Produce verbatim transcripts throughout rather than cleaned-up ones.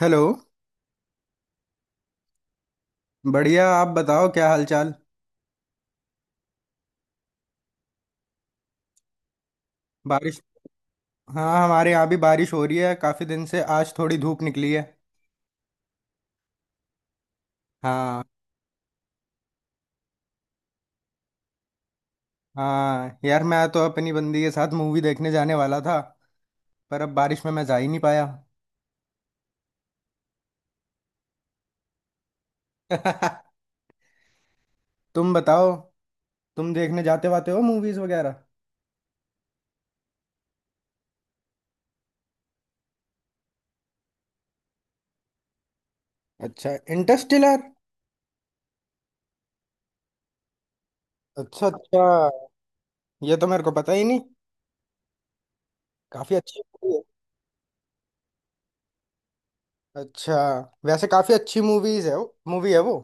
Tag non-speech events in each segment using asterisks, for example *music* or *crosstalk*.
Hello. बढ़िया, आप बताओ क्या हालचाल। बारिश? हाँ हमारे यहाँ भी बारिश हो रही है काफ़ी दिन से, आज थोड़ी धूप निकली है। हाँ। हाँ यार, मैं तो अपनी बंदी के साथ मूवी देखने जाने वाला था, पर अब बारिश में मैं जा ही नहीं पाया। *laughs* तुम बताओ, तुम देखने जाते वाते हो मूवीज़ वगैरह? अच्छा, इंटरस्टेलर। अच्छा अच्छा। ये तो मेरे को पता ही नहीं। काफ़ी अच्छी मूवी है। अच्छा, वैसे काफ़ी अच्छी मूवीज़ है। वो मूवी है वो।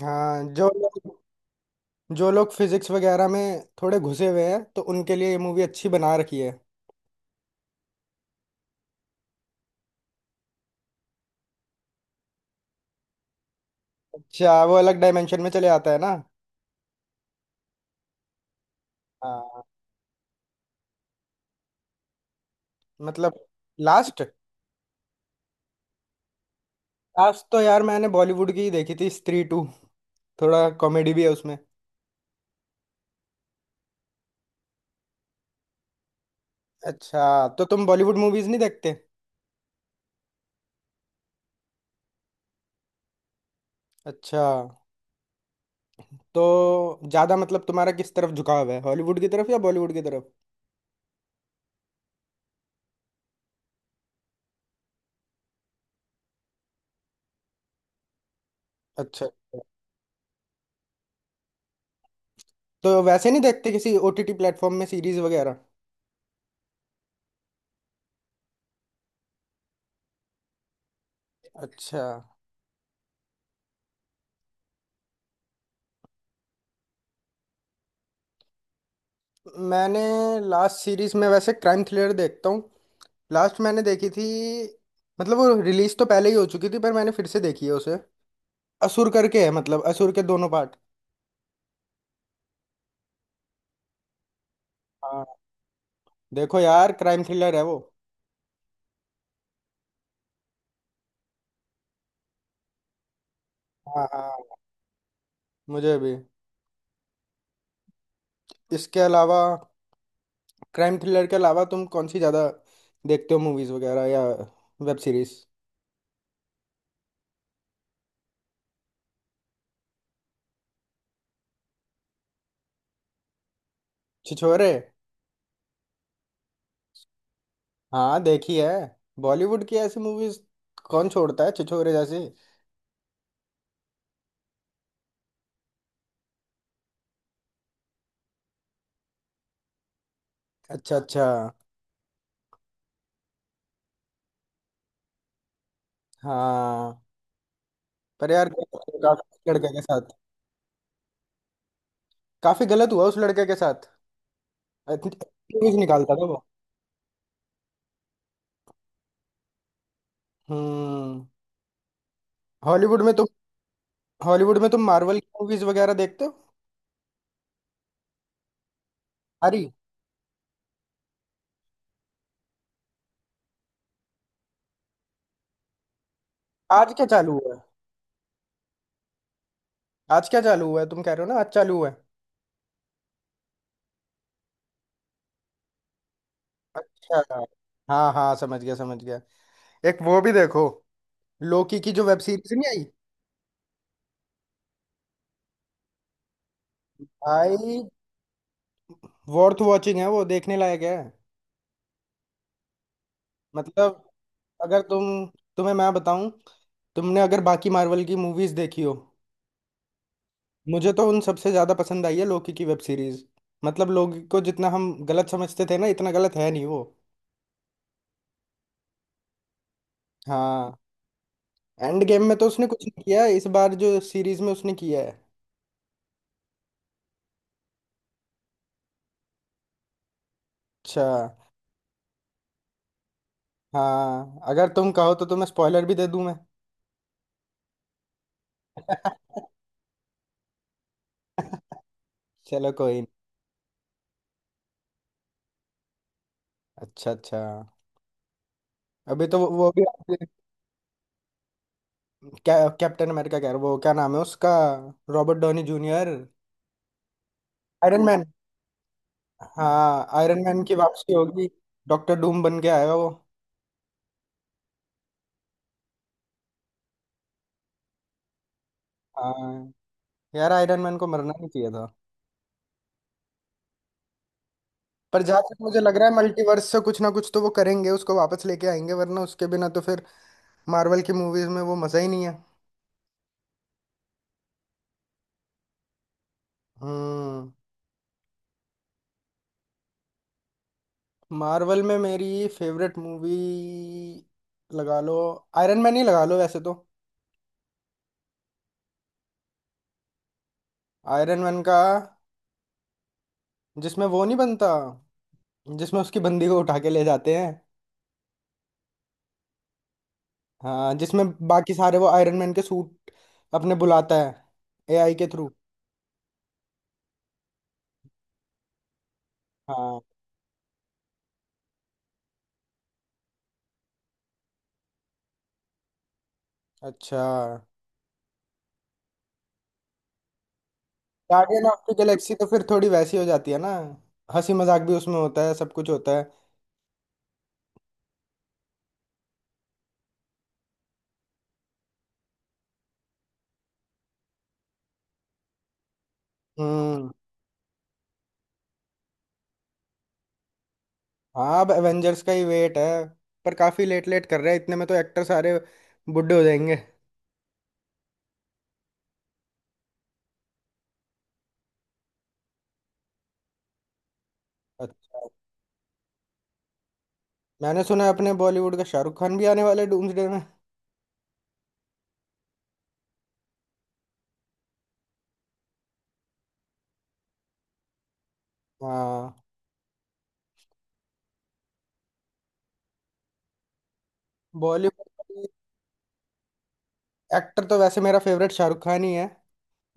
हाँ जो जो लोग फिजिक्स वगैरह में थोड़े घुसे हुए हैं तो उनके लिए ये मूवी अच्छी बना रखी है। अच्छा, वो अलग डायमेंशन में चले आता है ना। हाँ। मतलब लास्ट। लास्ट तो यार मैंने बॉलीवुड की ही देखी थी, स्त्री टू। थोड़ा कॉमेडी भी है उसमें। अच्छा, तो तुम बॉलीवुड मूवीज नहीं देखते? अच्छा, तो ज्यादा मतलब तुम्हारा किस तरफ झुकाव है, हॉलीवुड की तरफ या बॉलीवुड की तरफ? अच्छा अच्छा। तो वैसे नहीं देखते किसी ओटीटी प्लेटफॉर्म में सीरीज वगैरह? अच्छा। मैंने लास्ट सीरीज में वैसे क्राइम थ्रिलर देखता हूँ। लास्ट मैंने देखी थी, मतलब वो रिलीज तो पहले ही हो चुकी थी पर मैंने फिर से देखी है उसे, असुर करके है, मतलब असुर के दोनों पार्ट। हाँ, देखो यार क्राइम थ्रिलर है वो। हाँ हाँ, मुझे भी। इसके अलावा, क्राइम थ्रिलर के अलावा तुम कौन सी ज़्यादा देखते हो मूवीज़ वगैरह या वेब सीरीज? छिछोरे। हाँ देखी है। बॉलीवुड की ऐसी मूवीज़ कौन छोड़ता है, छिछोरे जैसी। अच्छा अच्छा। हाँ। पर यार काफी लड़के के साथ, काफ़ी गलत हुआ उस लड़के के साथ, आई थिंक। मूवीज निकालता था वो। हम्म। हॉलीवुड में तो, हॉलीवुड में तुम मार्वल की मूवीज वगैरह देखते हो? अरे। आज क्या चालू हुआ है? आज क्या चालू हुआ है, तुम कह रहे हो ना आज चालू हुआ है। अच्छा, हाँ हाँ समझ गया समझ गया। एक वो भी देखो, लोकी की जो वेब सीरीज नहीं आई। भाई वर्थ वॉचिंग है वो, देखने लायक है। मतलब अगर तुम, तुम्हें मैं बताऊं, तुमने अगर बाकी मार्वल की मूवीज देखी हो, मुझे तो उन सबसे ज्यादा पसंद आई है लोकी की वेब सीरीज। मतलब लोकी को जितना हम गलत समझते थे ना, इतना गलत है नहीं वो। हाँ, एंड गेम में तो उसने कुछ नहीं किया है, इस बार जो सीरीज में उसने किया है। अच्छा। हाँ अगर तुम कहो तो तुम्हें स्पॉइलर भी दे दूं मैं। *laughs* चलो कोई नहीं। अच्छा अच्छा। अभी तो वो, वो भी, क्या कैप्टन अमेरिका कह रहा, वो क्या नाम है उसका, Robert Downey junior. Iron Man. हाँ आयरन मैन की वापसी होगी। डॉक्टर डूम बन के आएगा वो। हाँ यार, आयरन मैन को मरना नहीं चाहिए था। पर जहां तक मुझे लग रहा है, मल्टीवर्स से कुछ ना कुछ तो वो करेंगे, उसको वापस लेके आएंगे, वरना उसके बिना तो फिर मार्वल की मूवीज में वो मजा ही नहीं है। हम्म। मार्वल में मेरी फेवरेट मूवी, लगा लो आयरन मैन ही लगा लो वैसे तो। आयरन मैन का, जिसमें वो नहीं बनता, जिसमें उसकी बंदी को उठा के ले जाते हैं। हाँ, जिसमें बाकी सारे वो आयरन मैन के सूट अपने बुलाता है एआई के थ्रू। हाँ। अच्छा, गार्डियन ऑफ द गैलेक्सी तो फिर थोड़ी वैसी हो जाती है ना, हंसी मजाक भी उसमें होता है, सब कुछ होता है। हम्म। हाँ, अब एवेंजर्स का ही वेट है। पर काफी लेट लेट कर रहे हैं, इतने में तो एक्टर सारे बुड्ढे हो जाएंगे। अच्छा। मैंने सुना है अपने बॉलीवुड का शाहरुख खान भी आने वाले डूम्सडे में। हाँ। बॉलीवुड एक्टर तो वैसे मेरा फेवरेट शाहरुख खान ही है,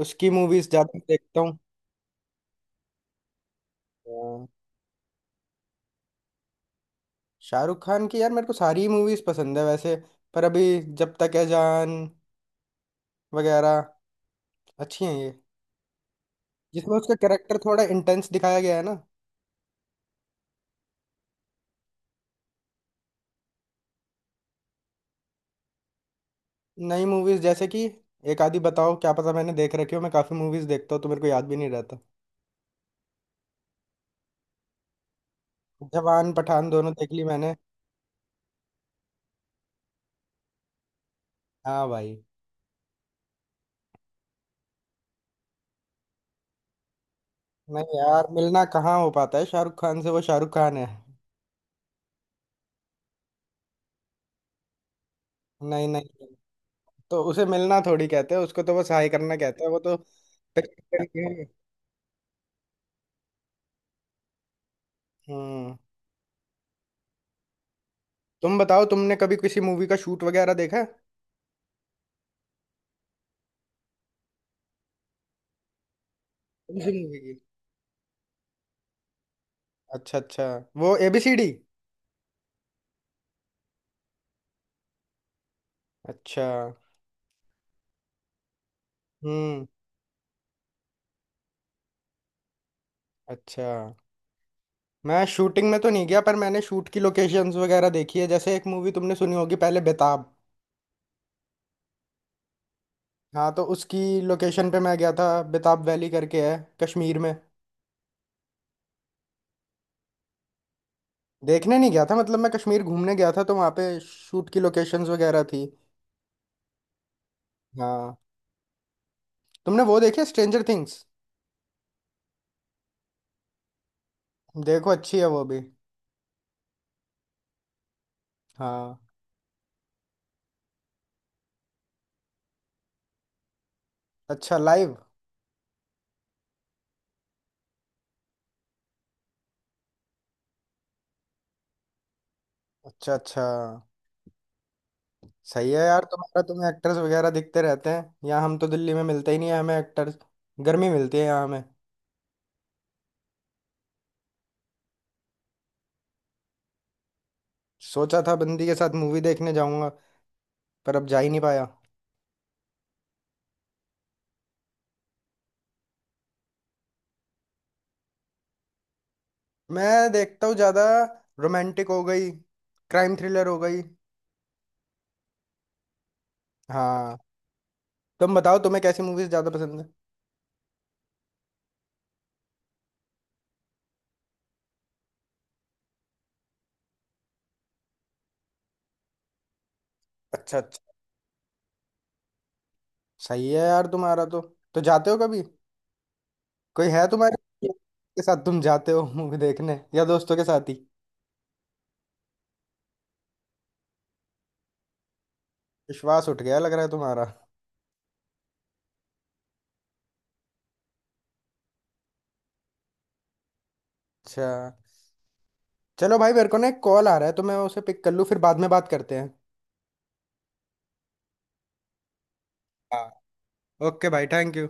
उसकी मूवीज ज्यादा देखता हूँ। हाँ। शाहरुख खान की यार मेरे को सारी मूवीज पसंद है वैसे। पर अभी, जब तक है जान वगैरह अच्छी हैं ये, जिसमें उसका कैरेक्टर थोड़ा इंटेंस दिखाया गया है ना। नई मूवीज जैसे कि, एक आधी बताओ, क्या पता मैंने देख रखी हो, मैं काफी मूवीज देखता हूँ तो मेरे को याद भी नहीं रहता। जवान पठान दोनों देख ली मैंने। हाँ भाई। नहीं यार, मिलना कहाँ हो पाता है शाहरुख खान से, वो शाहरुख खान है। नहीं नहीं, तो उसे मिलना थोड़ी कहते हैं, उसको तो बस हाई करना कहते हैं वो तो। हम्म। तुम बताओ, तुमने कभी किसी मूवी का शूट वगैरह देखा है? कौन सी मूवी की? अच्छा अच्छा, वो एबीसीडी? अच्छा। हम्म। अच्छा, मैं शूटिंग में तो नहीं गया, पर मैंने शूट की लोकेशंस वगैरह देखी है। जैसे एक मूवी तुमने सुनी होगी पहले, बेताब। हाँ तो उसकी लोकेशन पे मैं गया था, बेताब वैली करके है, कश्मीर में। देखने नहीं गया था, मतलब मैं कश्मीर घूमने गया था तो वहाँ पे शूट की लोकेशंस वगैरह थी। हाँ। तुमने वो देखी स्ट्रेंजर थिंग्स? देखो अच्छी है वो भी। हाँ। अच्छा लाइव? अच्छा अच्छा। सही है यार तुम्हारा, तुम्हें एक्टर्स वगैरह दिखते रहते हैं, यहाँ हम तो दिल्ली में मिलते ही नहीं है, हमें एक्टर्स। गर्मी मिलती है यहाँ हमें। सोचा था बंदी के साथ मूवी देखने जाऊंगा, पर अब जा ही नहीं पाया। मैं देखता हूँ ज्यादा, रोमांटिक हो गई, क्राइम थ्रिलर हो गई। हाँ। तुम बताओ, तुम्हें कैसी मूवीज ज्यादा पसंद है? अच्छा अच्छा। सही है यार तुम्हारा तो। तो जाते हो कभी, कोई है तुम्हारे के साथ तुम जाते हो मूवी देखने, या दोस्तों के साथ ही? विश्वास उठ गया लग रहा है तुम्हारा। अच्छा। चलो भाई मेरे को ना एक कॉल आ रहा है, तो मैं उसे पिक कर लूँ, फिर बाद में बात करते हैं। हाँ, ओके भाई थैंक यू।